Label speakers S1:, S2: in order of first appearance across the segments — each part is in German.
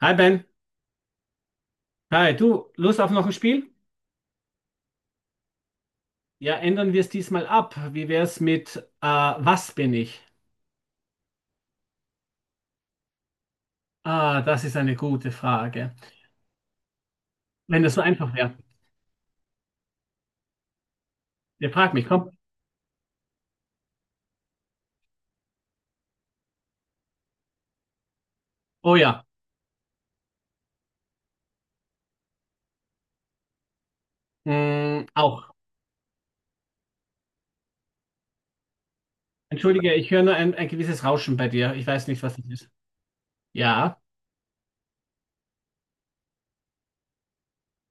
S1: Hi Ben, hi, du, Lust auf noch ein Spiel? Ja, ändern wir es diesmal ab. Wie wär's mit Was bin ich? Ah, das ist eine gute Frage. Wenn das so einfach wäre. Ihr fragt mich, komm. Oh ja, auch. Entschuldige, ich höre nur ein gewisses Rauschen bei dir. Ich weiß nicht, was das ist. Ja,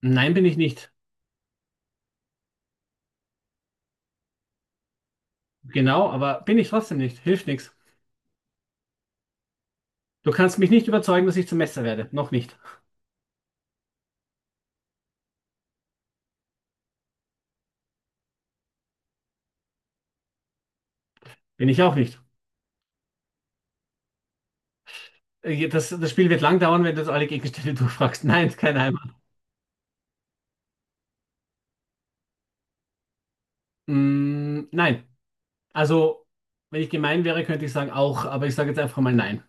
S1: nein, bin ich nicht. Genau, aber bin ich trotzdem nicht. Hilft nichts. Du kannst mich nicht überzeugen, dass ich zum Messer werde. Noch nicht. Bin ich auch nicht. Das Spiel wird lang dauern, wenn du jetzt alle Gegenstände durchfragst. Nein, kein Heimat. Mm, nein. Also, wenn ich gemein wäre, könnte ich sagen auch, aber ich sage jetzt einfach mal nein.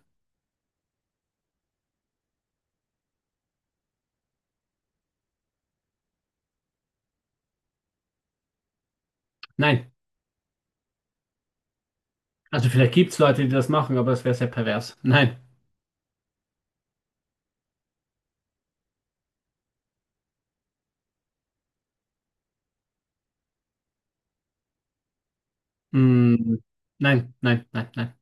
S1: Nein. Also vielleicht gibt es Leute, die das machen, aber das wäre sehr pervers. Nein. Mm, nein, nein, nein, nein,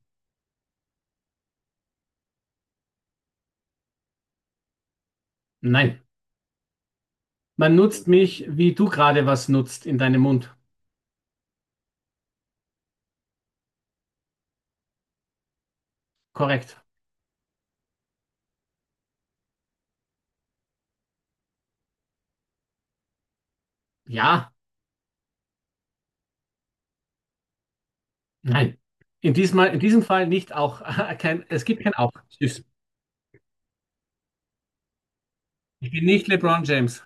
S1: nein. Man nutzt mich, wie du gerade was nutzt in deinem Mund. Korrekt. Ja, nein. In diesem Fall nicht auch. Kein, es gibt kein auch. Süß. Ich bin nicht LeBron James.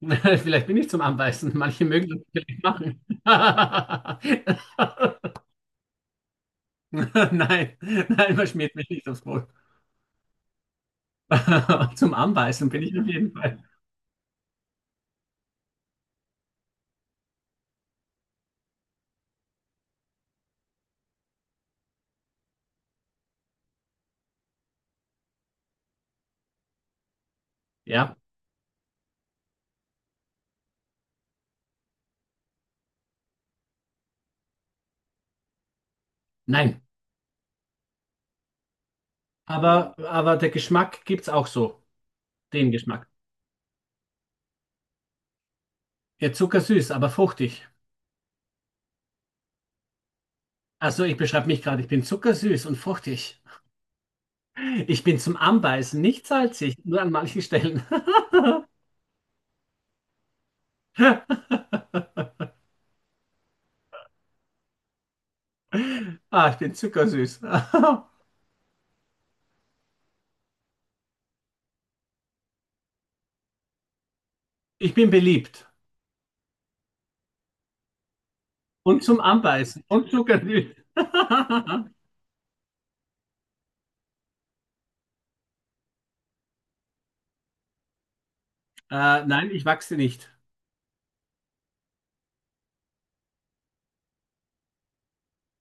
S1: Vielleicht bin ich zum Anbeißen. Manche mögen das vielleicht machen. Nein, nein, man schmiert mich nicht aufs Maul. Zum Anbeißen bin ich auf jeden Fall. Ja, nein. Aber der Geschmack gibt es auch so. Den Geschmack. Ja, zuckersüß, aber fruchtig. Also ich beschreibe mich gerade, ich bin zuckersüß und fruchtig. Ich bin zum Anbeißen, nicht salzig, nur an manchen Stellen. Ah, ich bin zuckersüß. Ich bin beliebt. Und zum Anbeißen. Und zuckersüß. Nein, ich wachse nicht.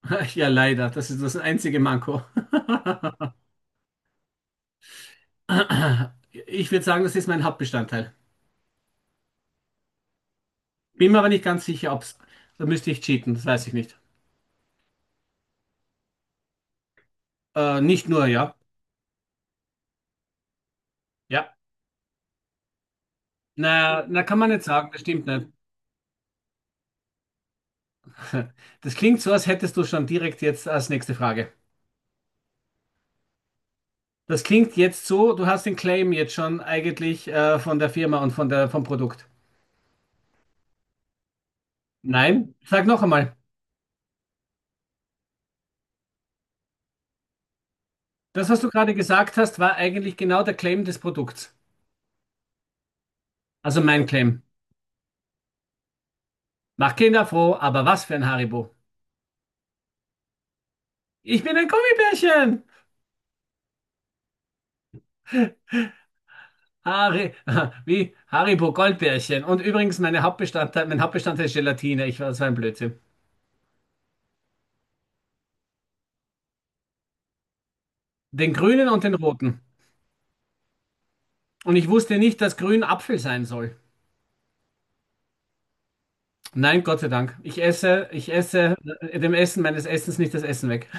S1: Ja, leider. Das ist das einzige Manko. Ich würde sagen, das ist mein Hauptbestandteil. Bin mir aber nicht ganz sicher, ob's. Da müsste ich cheaten, das weiß ich nicht. Nicht nur, ja. Ja. Na, na, kann man nicht sagen, das stimmt nicht. Das klingt so, als hättest du schon direkt jetzt als nächste Frage. Das klingt jetzt so, du hast den Claim jetzt schon eigentlich von der Firma und vom Produkt. Nein, sag noch einmal. Das, was du gerade gesagt hast, war eigentlich genau der Claim des Produkts. Also mein Claim. Mach Kinder froh, aber was für ein Haribo. Ich bin ein Gummibärchen! Harry, wie Haribo Goldbärchen. Und übrigens, mein Hauptbestandteil ist Gelatine. Das war ein Blödsinn. Den grünen und den roten. Und ich wusste nicht, dass grün Apfel sein soll. Nein, Gott sei Dank. Ich esse dem Essen meines Essens nicht das Essen weg.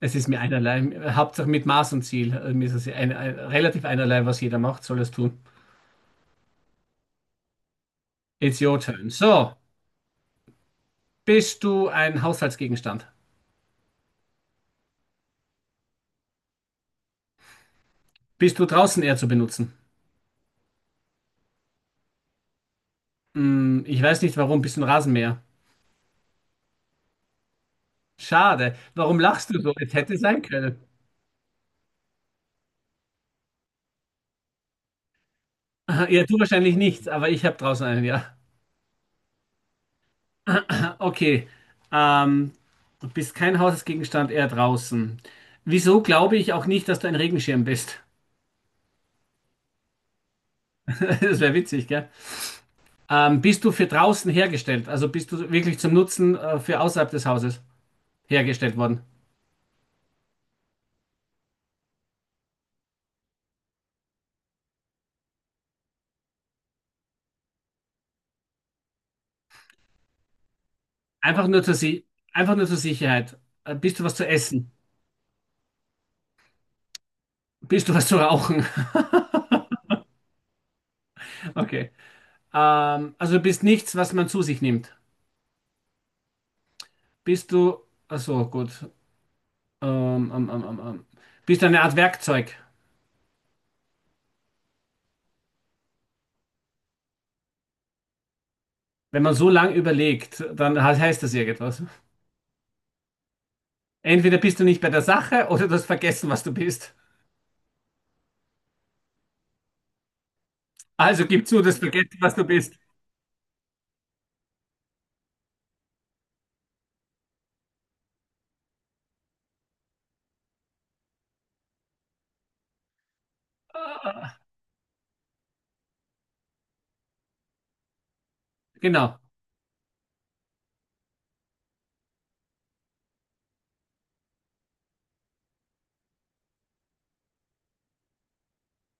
S1: Es ist mir einerlei. Hauptsache mit Maß und Ziel. Mir ist es ja relativ einerlei, was jeder macht, soll es tun. It's your turn. So, bist du ein Haushaltsgegenstand? Bist du draußen eher zu benutzen? Ich weiß nicht warum. Bist du ein Rasenmäher? Schade. Warum lachst du so? Es hätte sein können. Aha, ja, du wahrscheinlich nicht, aber ich habe draußen einen, ja. Okay. Ähm, du bist kein Hausgegenstand, eher draußen. Wieso glaube ich auch nicht, dass du ein Regenschirm bist? Das wäre witzig, gell? Bist du für draußen hergestellt? Also bist du wirklich zum Nutzen für außerhalb des Hauses hergestellt worden? Einfach nur zur Sie einfach nur zur Sicherheit. Bist du was zu essen? Bist du was zu rauchen? Okay. Also du bist nichts, was man zu sich nimmt. Bist du. Ach so, gut. Ähm, ähm, ähm, ähm, ähm. Bist du eine Art Werkzeug? Wenn man so lang überlegt, dann heißt das irgendwas. Entweder bist du nicht bei der Sache oder du hast vergessen, was du bist. Also gib zu, dass du vergessen, was du bist. Ah, Genau.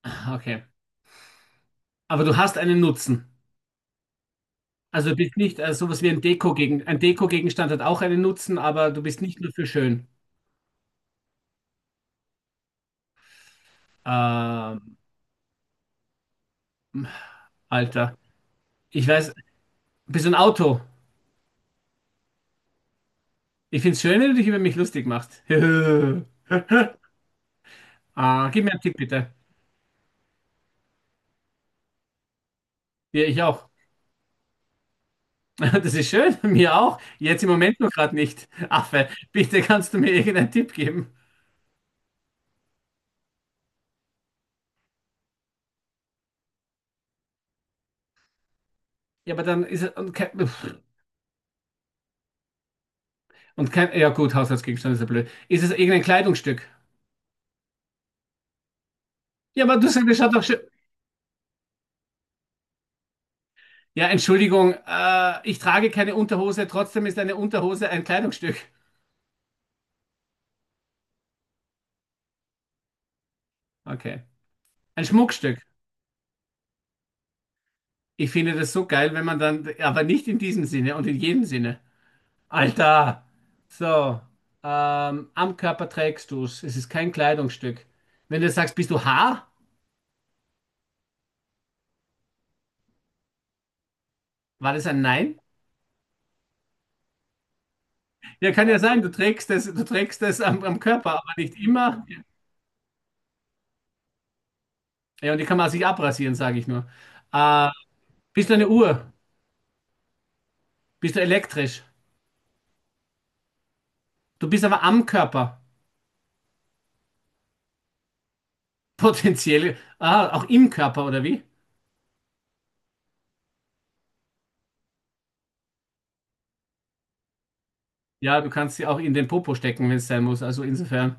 S1: Okay. Aber du hast einen Nutzen. Also du bist nicht sowas wie ein Deko-Gegenstand hat auch einen Nutzen, aber du bist nicht nur für schön. Ähm, Alter. Ich weiß, bist du ein Auto? Ich find's schön, wenn du dich über mich lustig machst. Gib mir einen Tipp, bitte. Ja, ich auch. Das ist schön, mir auch. Jetzt im Moment nur gerade nicht. Affe, bitte kannst du mir irgendeinen Tipp geben? Ja, aber dann ist es. Und kein. Ja, gut, Haushaltsgegenstand ist ja blöd. Ist es irgendein Kleidungsstück? Ja, aber du sagst, das schaut doch schön. Ja, Entschuldigung, ich trage keine Unterhose, trotzdem ist eine Unterhose ein Kleidungsstück. Okay. Ein Schmuckstück. Ich finde das so geil, wenn man dann. Aber nicht in diesem Sinne und in jedem Sinne. Alter! So. Am Körper trägst du es. Es ist kein Kleidungsstück. Wenn du sagst, bist du Haar? War das ein Nein? Ja, kann ja sein, du trägst das am Körper, aber nicht immer. Ja, und die kann man sich abrasieren, sage ich nur. Äh, bist du eine Uhr? Bist du elektrisch? Du bist aber am Körper. Potenziell. Auch im Körper, oder wie? Ja, du kannst sie auch in den Popo stecken, wenn es sein muss. Also insofern.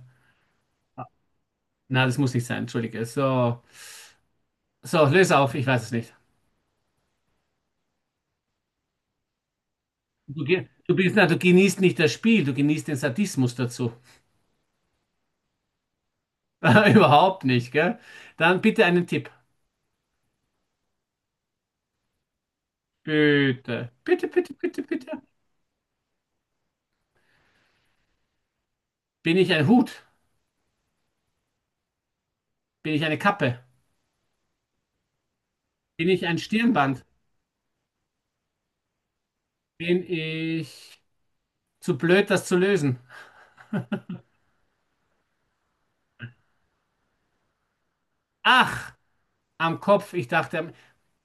S1: Na, das muss nicht sein, entschuldige. So, löse auf, ich weiß es nicht. Du, ge- du bist, na, du genießt nicht das Spiel, du genießt den Sadismus dazu. Überhaupt nicht, gell? Dann bitte einen Tipp. Bitte, bitte, bitte, bitte, bitte. Bin ich ein Hut? Bin ich eine Kappe? Bin ich ein Stirnband? Bin ich zu blöd, das zu lösen? Ach, am Kopf. Ich dachte,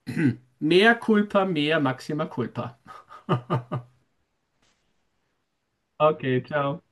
S1: mehr Culpa, mehr Maxima Culpa. Okay, ciao.